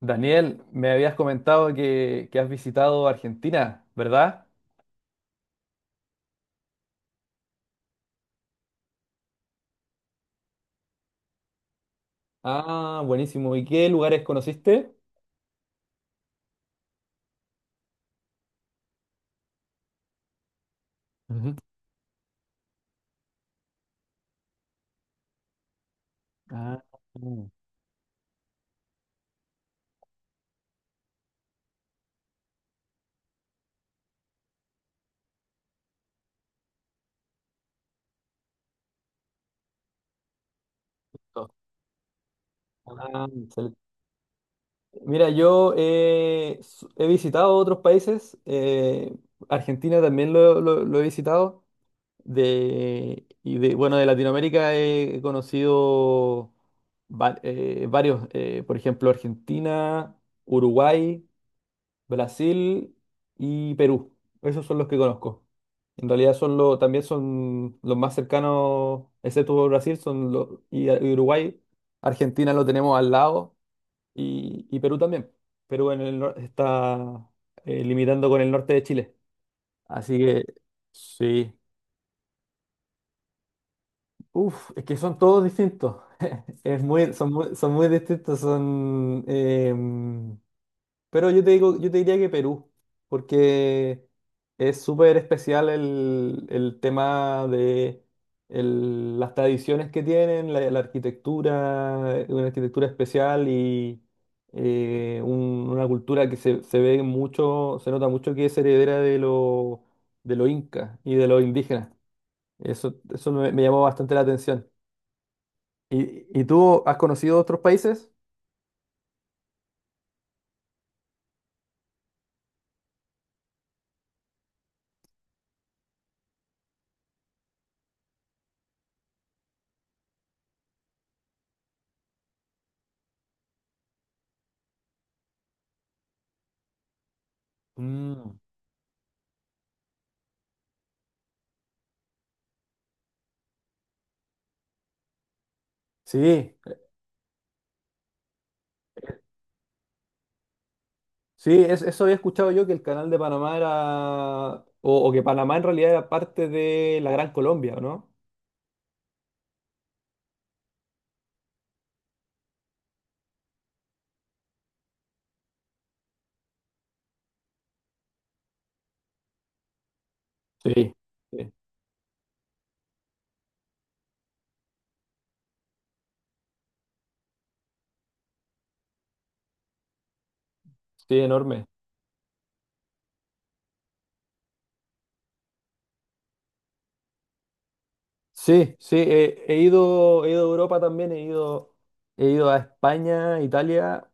Daniel, me habías comentado que has visitado Argentina, ¿verdad? Ah, buenísimo. ¿Y qué lugares conociste? Ujú. Ah, mm. Ah, excelente. Mira, yo he visitado otros países. Argentina también lo he visitado. Bueno, de Latinoamérica he conocido varios, por ejemplo, Argentina, Uruguay. Brasil y Perú. Esos son los que conozco. En realidad son los, también son los más cercanos, excepto Brasil, son los, y Uruguay. Argentina lo tenemos al lado y Perú también. Perú en el nor- Está limitando con el norte de Chile. Así que sí. Uf, es que son todos distintos. Es muy, son muy, son muy distintos. Pero yo te digo, yo te diría que Perú, porque es súper especial el tema de las tradiciones que tienen, la arquitectura, una arquitectura especial y una cultura que se ve mucho, se nota mucho que es heredera de lo inca y de los indígenas. Eso me llamó bastante la atención. ¿Y tú has conocido otros países? Mm, sí. Sí, eso había escuchado yo que el canal de Panamá era, o que Panamá en realidad era parte de la Gran Colombia, ¿o ¿no? Sí. Sí, sí, enorme. Sí, sí, he ido, he ido a Europa también, he ido a España, Italia,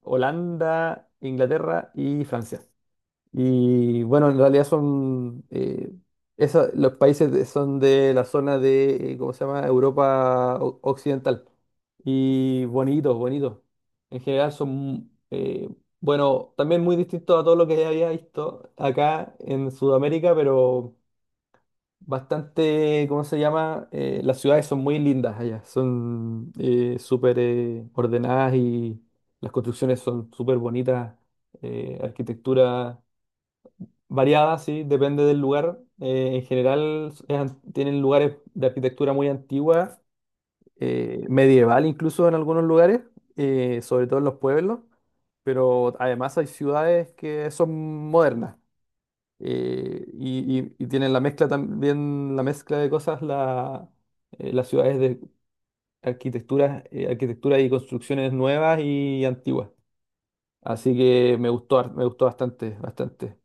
Holanda, Inglaterra y Francia. Y bueno, en realidad son, los países son de la zona de, ¿cómo se llama? Europa Occidental. Y bonitos, bonitos. En general son, bueno, también muy distintos a todo lo que ya había visto acá en Sudamérica, pero bastante, ¿cómo se llama? Las ciudades son muy lindas allá, son súper ordenadas y las construcciones son súper bonitas, arquitectura. Variada, sí, depende del lugar. En general tienen lugares de arquitectura muy antigua, medieval incluso en algunos lugares, sobre todo en los pueblos, pero además hay ciudades que son modernas y tienen la mezcla también, la mezcla de cosas, las ciudades de arquitectura, arquitectura y construcciones nuevas y antiguas. Así que me gustó bastante, bastante.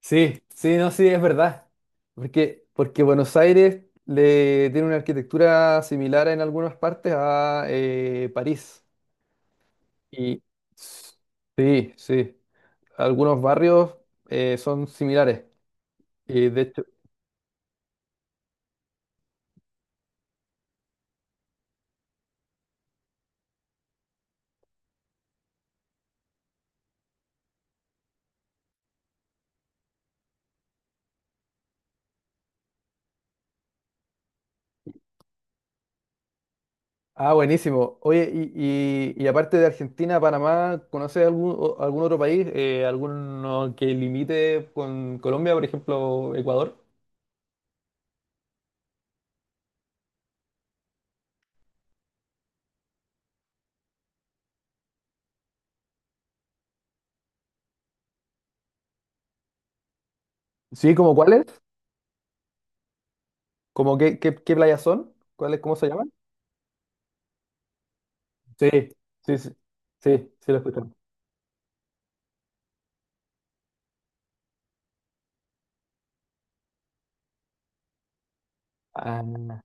Sí, sí, no, sí, es verdad. Porque, porque Buenos Aires le tiene una arquitectura similar en algunas partes a París. Y s- sí, sí, algunos barrios son similares. Y de hecho, ah, buenísimo. Oye, y aparte de Argentina, Panamá, ¿conoces algún otro país? ¿Alguno que limite con Colombia, por ejemplo, Ecuador? Sí, ¿como cuáles? ¿Como qué playas son? ¿Cuáles, cómo se llaman? Sí, sí, sí, sí, sí lo escucho. Ah,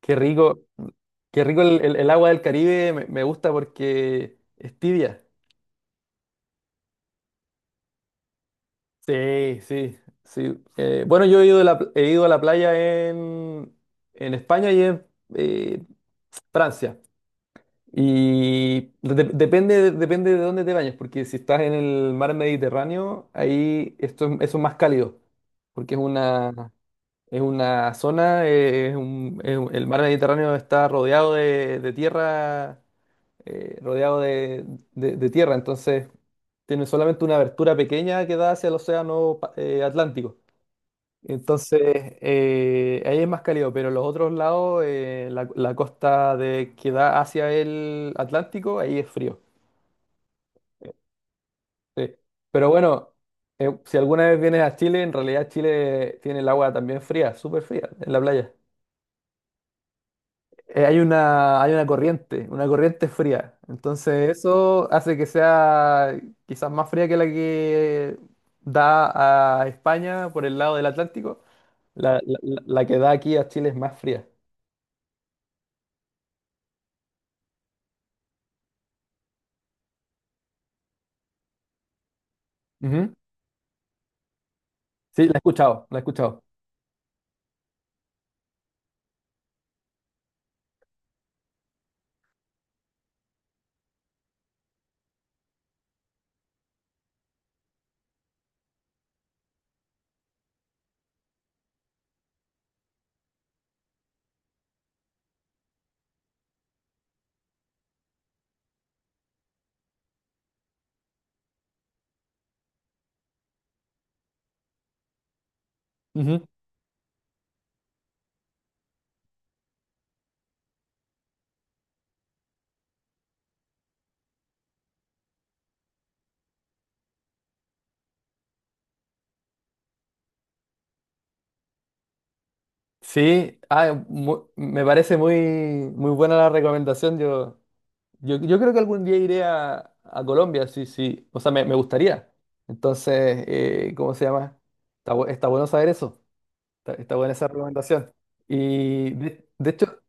qué rico, qué rico el agua del Caribe, me gusta porque es tibia. Sí, sí, sí. Bueno, yo he ido a la playa en, en España y en eh, Francia. Depende, depende de dónde te bañes, porque si estás en el mar Mediterráneo, eso es más cálido, porque es una... Es una zona, el mar Mediterráneo está rodeado de tierra, rodeado de, de tierra, entonces tiene solamente una abertura pequeña que da hacia el océano Atlántico. Entonces, ahí es más cálido, pero los otros lados, la costa de, que da hacia el Atlántico, ahí es frío. Sí. Pero bueno, si alguna vez vienes a Chile, en realidad Chile tiene el agua también fría, súper fría, en la playa. Eh, hay una corriente fría. Entonces eso hace que sea quizás más fría que la que da a España por el lado del Atlántico. La que da aquí a Chile es más fría. Ujú. Sí, la he escuchado, la he escuchado. Ujú. Sí, ah, me parece muy, muy buena la recomendación. Yo creo que algún día iré a Colombia, sí, sí. O sea, me gustaría. Entonces, ¿cómo se llama? Está bueno saber eso. Está, está buena esa recomendación. Y de hecho,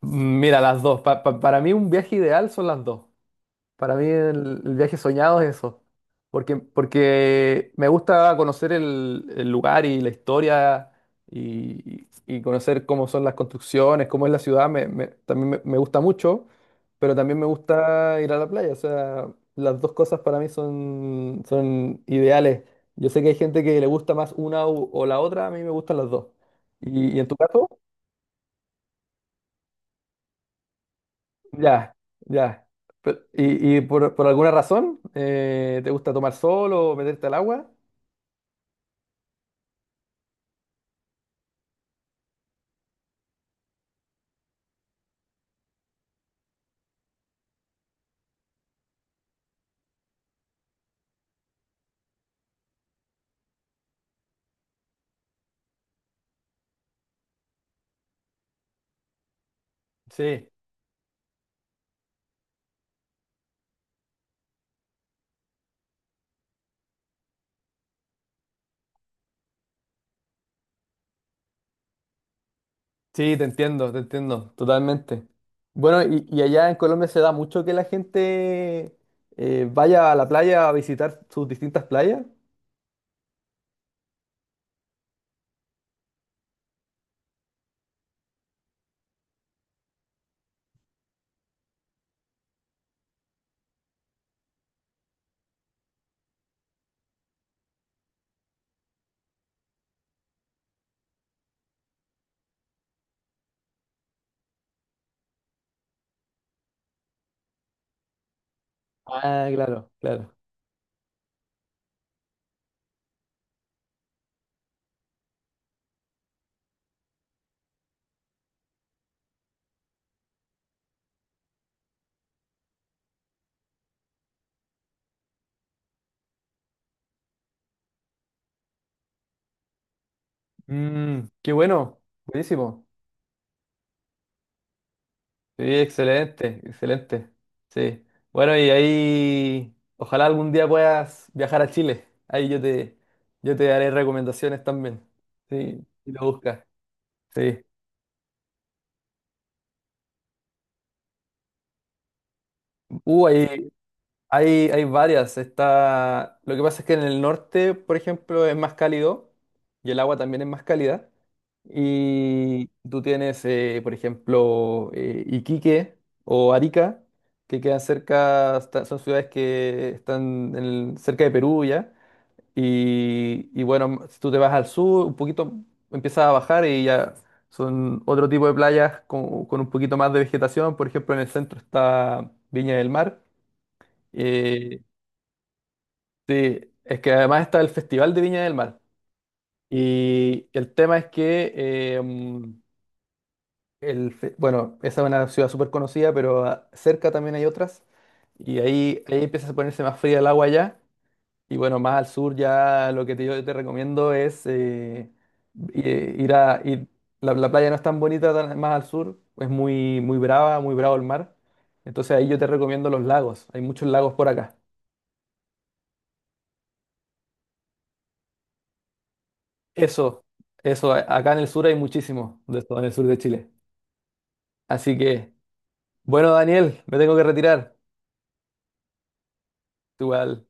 mira, las dos. Para mí un viaje ideal son las dos. Para mí el viaje soñado es eso, porque, porque me gusta conocer el lugar y la historia y conocer cómo son las construcciones, cómo es la ciudad, también me gusta mucho, pero también me gusta ir a la playa, o sea, las dos cosas para mí son, son ideales. Yo sé que hay gente que le gusta o la otra, a mí me gustan las dos. ¿Y en tu caso? Ya, ya. Pero, por alguna razón te gusta tomar sol o meterte al agua? Sí, sí, te entiendo, totalmente. Bueno, y allá en Colombia se da mucho que la gente vaya a la playa a visitar sus distintas playas. Ah, claro, claro. Mm, qué bueno, buenísimo. Sí, excelente, excelente. Sí. Bueno, y ahí ojalá algún día puedas viajar a Chile. Ahí yo te daré recomendaciones también. Sí, y lo buscas. Sí. Ahí hay, hay varias. Está... Lo que pasa es que en el norte, por ejemplo, es más cálido y el agua también es más cálida. Y tú tienes, por ejemplo, Iquique o Arica, que quedan cerca, son ciudades que están en cerca de Perú ya. Y bueno, si tú te vas al sur, un poquito empiezas a bajar y ya son otro tipo de playas con un poquito más de vegetación. Por ejemplo, en el centro está Viña del Mar. Eh, sí, es que además está el Festival de Viña del Mar. Y el tema es que, mm, bueno, esa es una ciudad súper conocida, pero ah, cerca también hay otras. Y ahí, ahí empieza a ponerse más fría el agua ya. Y bueno, más al sur ya lo que te, yo te recomiendo es eh, ir a... ir- la, la playa no es tan bonita más al sur, es muy, muy brava, muy bravo el mar. Entonces ahí yo te recomiendo los lagos. Hay muchos lagos por acá. Eso, eso, acá en el sur hay muchísimo de eso, en el sur de Chile. Así que, bueno, Daniel, me tengo que retirar. Tú igual.